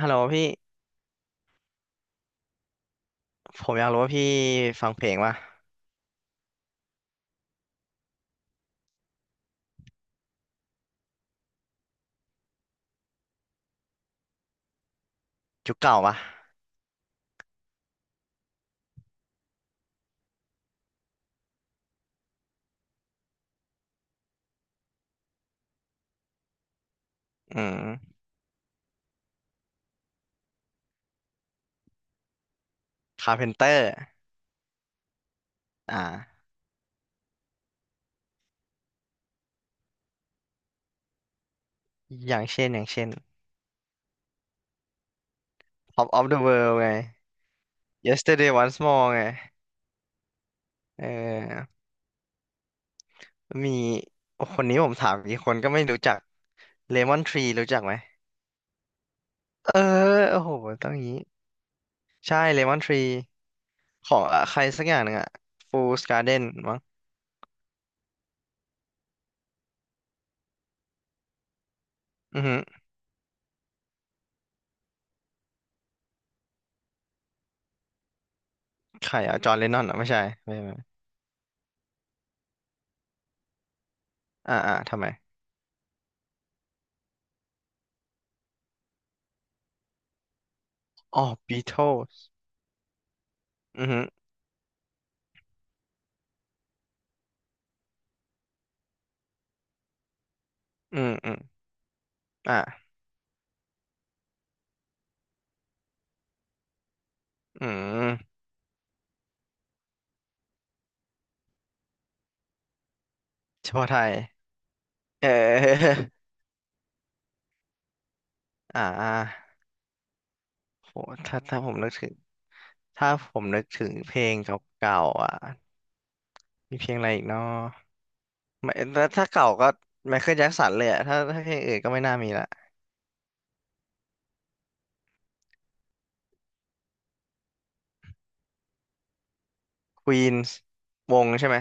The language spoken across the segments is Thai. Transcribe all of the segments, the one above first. ฮัลโหลพี่ผมอยากรู้ว่าพี่ฟังเพลงป่ะยุคเก่าป่ะอืมคาร์เพนเตอร์อ่าอย่างเช่น Pop of the World ไง Yesterday Once More ไงเออมีคนนี้ผมถามอีกคนก็ไม่รู้จัก Lemon Tree รู้จักไหมเออโอ้โหต้องอย่างนี้ใช่ Lemon Tree ของอ่ะใครสักอย่างหนึ่งอะ Fool's Garden มั้งอือหือใครอะจอห์นเลนนอนอ่ะไม่ใช่ไม่ไม่อ่าอ่าทำไมอ๋อ Beatles อือหืออืมอืมอ่า อืมเฉพาะไทยเออ อ่าโหถ้าถ้าผมนึกถึงถ้าผมนึกถึงเพลงเก่าๆอ่ะมีเพลงอะไรอีกเนาะไม่ถ้าเก่าก็ไมเคิลแจ็คสันเลยอะถ้าเพลงอื่นก็ไม่น่ามีละควีนส์วงใช่ไหม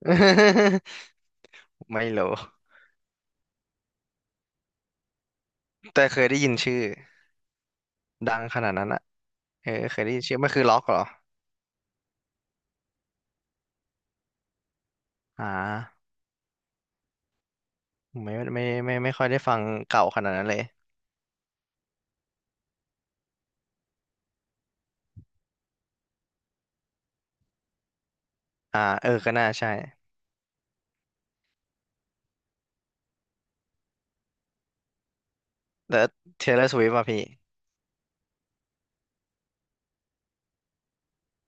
ไม่รู้แต่เคยได้ยินชื่อดังขนาดนั้นอ่ะเออเคยได้ยินชื่อมันคือล็อกเหรออ่าผมไม่ค่อยได้ฟังเก่าขนาดนั้นเลยอ่าเออก็น่าใช่แต่ Taylor Swift ป่ะพี่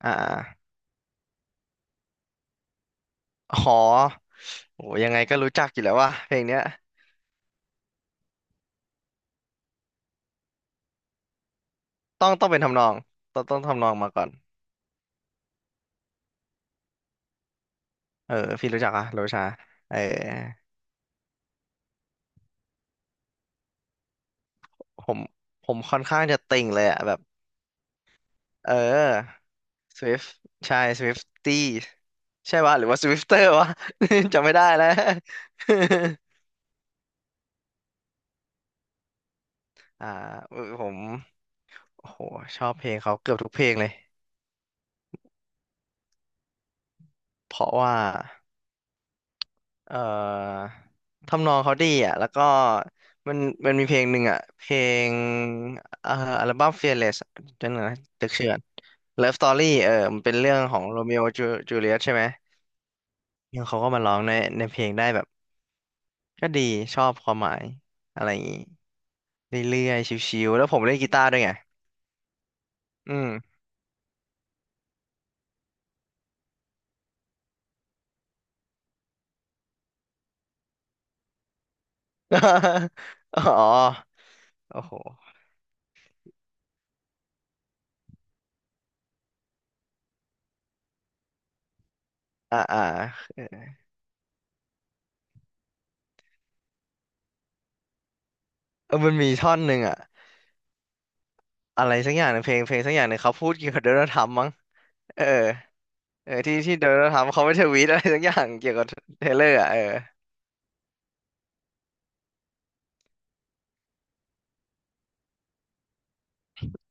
อ่า อ๋อโหยังไงก็รู้จักอยู่แล้วว่าเพลงเนี้ยต้องเป็นทำนองต้องทำนองมาก่อนเออพี่รู้จักอะโรชาเออผมผมค่อนข้างจะติ่งเลยอะแบบเออ Swift ใช่ s w i f t ี้ใช่ปะหรือว่า Swifter วะ จำไม่ได้แล้ว อ่าผมโอ้โหชอบเพลงเขาเกือบทุกเพลงเลยเพราะว่า เอ่อทำนองเขาดีอ่ะแล้วก็มันมันมีเพลงหนึ่งอ่ะเพลงเอ่ออัลบั้ม Fearless จำหนอยนะตึกเชื่อน Love Story เออมันเป็นเรื่องของโรมิโอจูเลียตใช่ไหมแล้วเขาก็มาร้องในเพลงได้แบบก็ดีชอบความหมายอะไรอย่างงี้เรื่อยๆชิวๆแล้วผมเล่นกีตาร์ด้วยไงอืม อ๋อโอ้โหอ่าอ่าเออมันมีท่อนหนึ่งอ่ะอะไรสักอย่างในงเพลงสักอย่างหนึ่งเขาพูดเกี่ยวกับโดนัลด์ทรัมป์มั้งเออ เออที่โดนัลด์ทรัมป์เขาไม่ทวีตอะไรสักอย่างเกี่ยวกับเทเลอร์อ่ะเออ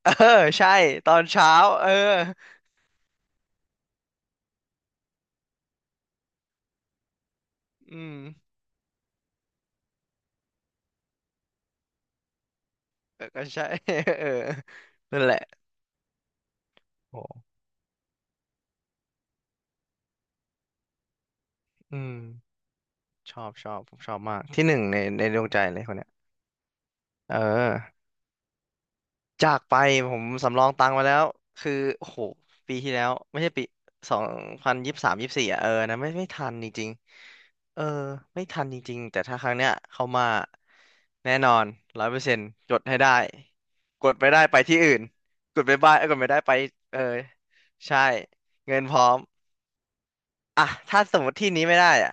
เออใช่ตอนเช้าเอออืมเออก็ใช่ เออนั่นแหละโอ้อืมชอบผมชอบมากที่หนึ่งในดวงใจเลยคนเนี้ยเออ จากไปผมสำรองตังค์ไว้แล้วคือโอ้โหปีที่แล้วไม่ใช่ปี202324อ่ะเออนะไม่ไม่ทันจริงๆเออไม่ทันจริงๆแต่ถ้าครั้งเนี้ยเข้ามาแน่นอน100%กดให้ได้กดไม่ได้ไปที่อื่นกดไปบ้าเอ้ยกดไม่ได้ไปเออใช่เงินพร้อมอ่ะถ้าสมมติที่นี้ไม่ได้อ่ะ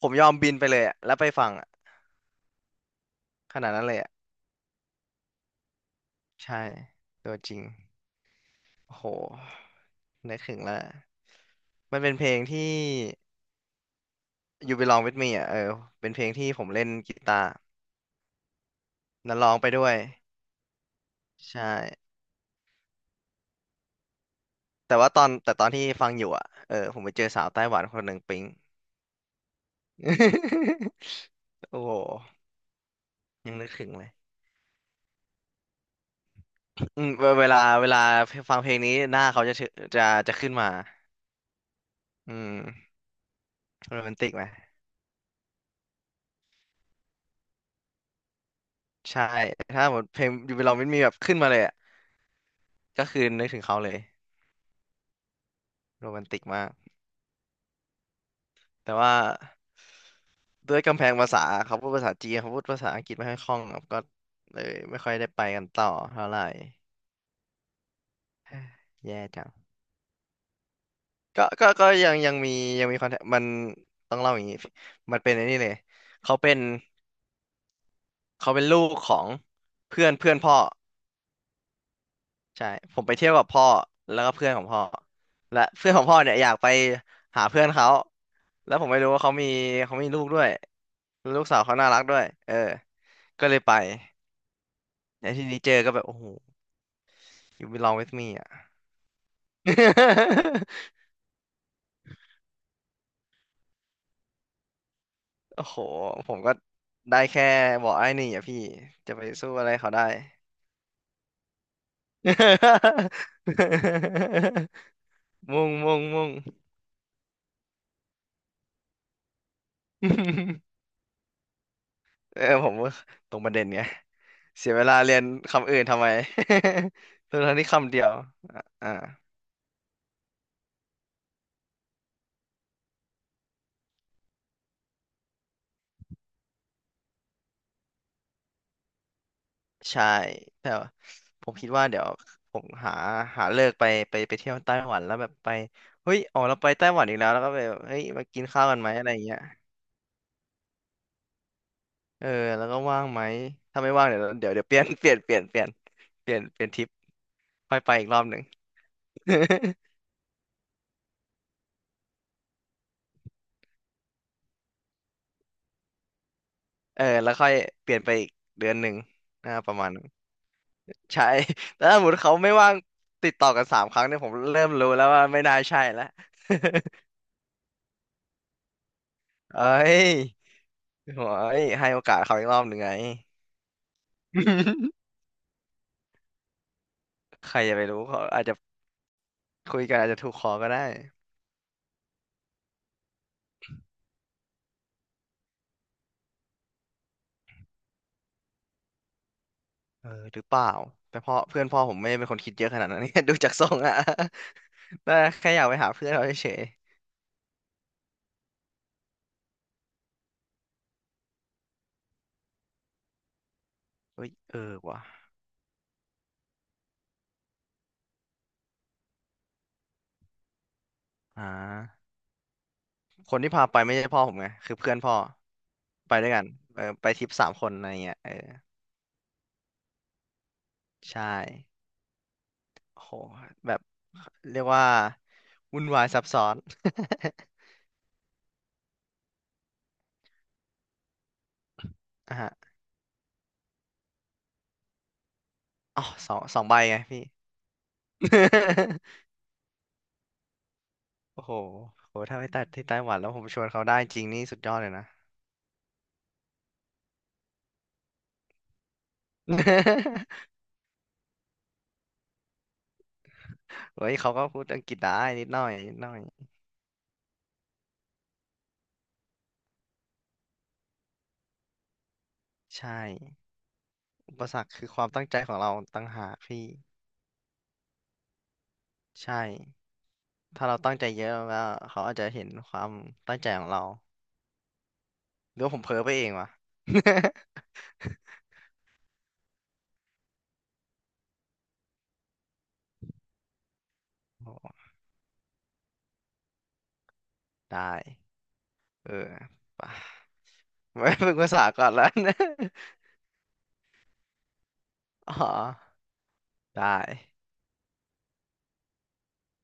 ผมยอมบินไปเลยอ่ะแล้วไปฟังอ่ะขนาดนั้นเลยอ่ะใช่ตัวจริง โห นึกถึงแล้ว มันเป็นเพลงที่ You Belong With Me อ่ะ เออ เป็นเพลงที่ผมเล่นกีตาร์แล้วร้องไปด้วย ใช่ แต่ว่าตอนที่ฟังอยู่อ่ะ เออ ผมไปเจอสาวไต้หวันคนหนึ่งปิ๊ง โอ้โห ยังนึกถึงเลยอืมเวลาฟังเพลงนี้หน้าเขาจะเชจะจะขึ้นมา อืม โรแมนติกไหม ใช่ ถ้าหมดเพลง You Belong With Me แบบขึ้นมาเลยอ่ะก็คือนึกถึงเขาเลยโรแมนติกมากแต่ว่า ด้วยกำแพงภาษาเขาพูดภาษาจีนเขาพูดภาษาอังกฤษไม่ค่อยคล่องครับก็เลยไม่ค่อยได้ไปกันต่อเท่าไหร่เฮ้ยแย่จังก็ยังมีคอนแทคมันต้องเล่าอย่างนี้มันเป็นไอ้นี่เลยเขาเป็นเขาเป็นลูกของเพื่อนเพื่อนพ่อใช่ผมไปเที่ยวกับพ่อแล้วก็เพื่อนของพ่อและเพื่อนของพ่อเนี่ยอยากไปหาเพื่อนเขาแล้วผมไม่รู้ว่าเขามีลูกด้วยแลวลูกสาวเขาน่ารักด้วยเออก็เลยไปในที่นี้เจอก็แบบโอ้โห You belong with me อ่ะ โอ้โห ผมก็ได้แค่บอกไอ้นี่อ่ะพี่ จะไปสู้อะไรเขาได้ มุ่ง มุ่ง มุ่ง เออผมว่าตรงประเด็นไงเสียเวลาเรียนคำอื่นทำไม ทั้งๆที่คำเดียวอ่ะอ่าใช่แต่ว่าผมคิดว่าเดี๋ยวผมหาเลิกไปเที่ยวไต้หวันแล้วแบบไป เฮ้ยอ๋อเราไปไต้หวันอีกแล้วแล้วก็ไปแบบเฮ้ย มากินข้าวกันไหมอะไรอย่างเงี้ย เออแล้วก็ว่างไหมถ้าไม่ว่างเดี๋ยวเดี๋ยวเดี๋ยว เปลี่ยนเปลี่ยนเปลี่ยนเปลี่ยนเปลี่ยนเปลี่ยนทริปค่อยไปอีกรอบหนึ่ง เออแล้วค่อยเปลี่ยนไปอีกเดือนหนึ่งอ่าประมาณนั้นใช่ แล้วถ้าสมมติเขาไม่ว่างติดต่อกัน3 ครั้งเนี่ยผมเริ่มรู้แล้วว่าไม่น่าใช่แล้ว เอ้ยโอ้ยให้โอกาสเขาอีกรอบหนึ่งไงใครจะไปรู้เขาอาจจะคุยกันอาจจะถูกคอก็ได้เออหรือเปล่าแต่พ่อเพื่อนพ่อผมไม่ได้เป็นคนคิดเยอะขนาดนั้น ดูจากทรงอะ แต่แค่อยากไปหาเพื่อนเราเฉย เอ้ยเออว่ะอ่าคนที่พาไปไม่ใช่พ่อผมไงคือเพื่อนพ่อไปด้วยกันเออไปทริป3 คนอะไรเงี้ยเออใช่โโหแบบเรียกว่าวุ่นวายซับซ้อน อ่ะฮะอ๋อสองใบไงพี่ โอ้โหโหถ้าไปตัดที่ไต้หวันแล้วผมชวนเขาได้จริงนี่สุดยอดเลยนะ เฮ้ยเขาก็พูดอังกฤษได้นิดหน่อยนิดหน่อยใช่อุปสรรคคือความตั้งใจของเราต่างหากพี่ใช่ ถ้าเราตั้งใจเยอะแล้วเขาอาจจะเห็นความตั้งใจของเราหรือว่าผมเพ้อไปเองวะ โอ้ได้เออป่ะ ไว้ฝึกภาษาก่อนแล้ว นะอ๋อได้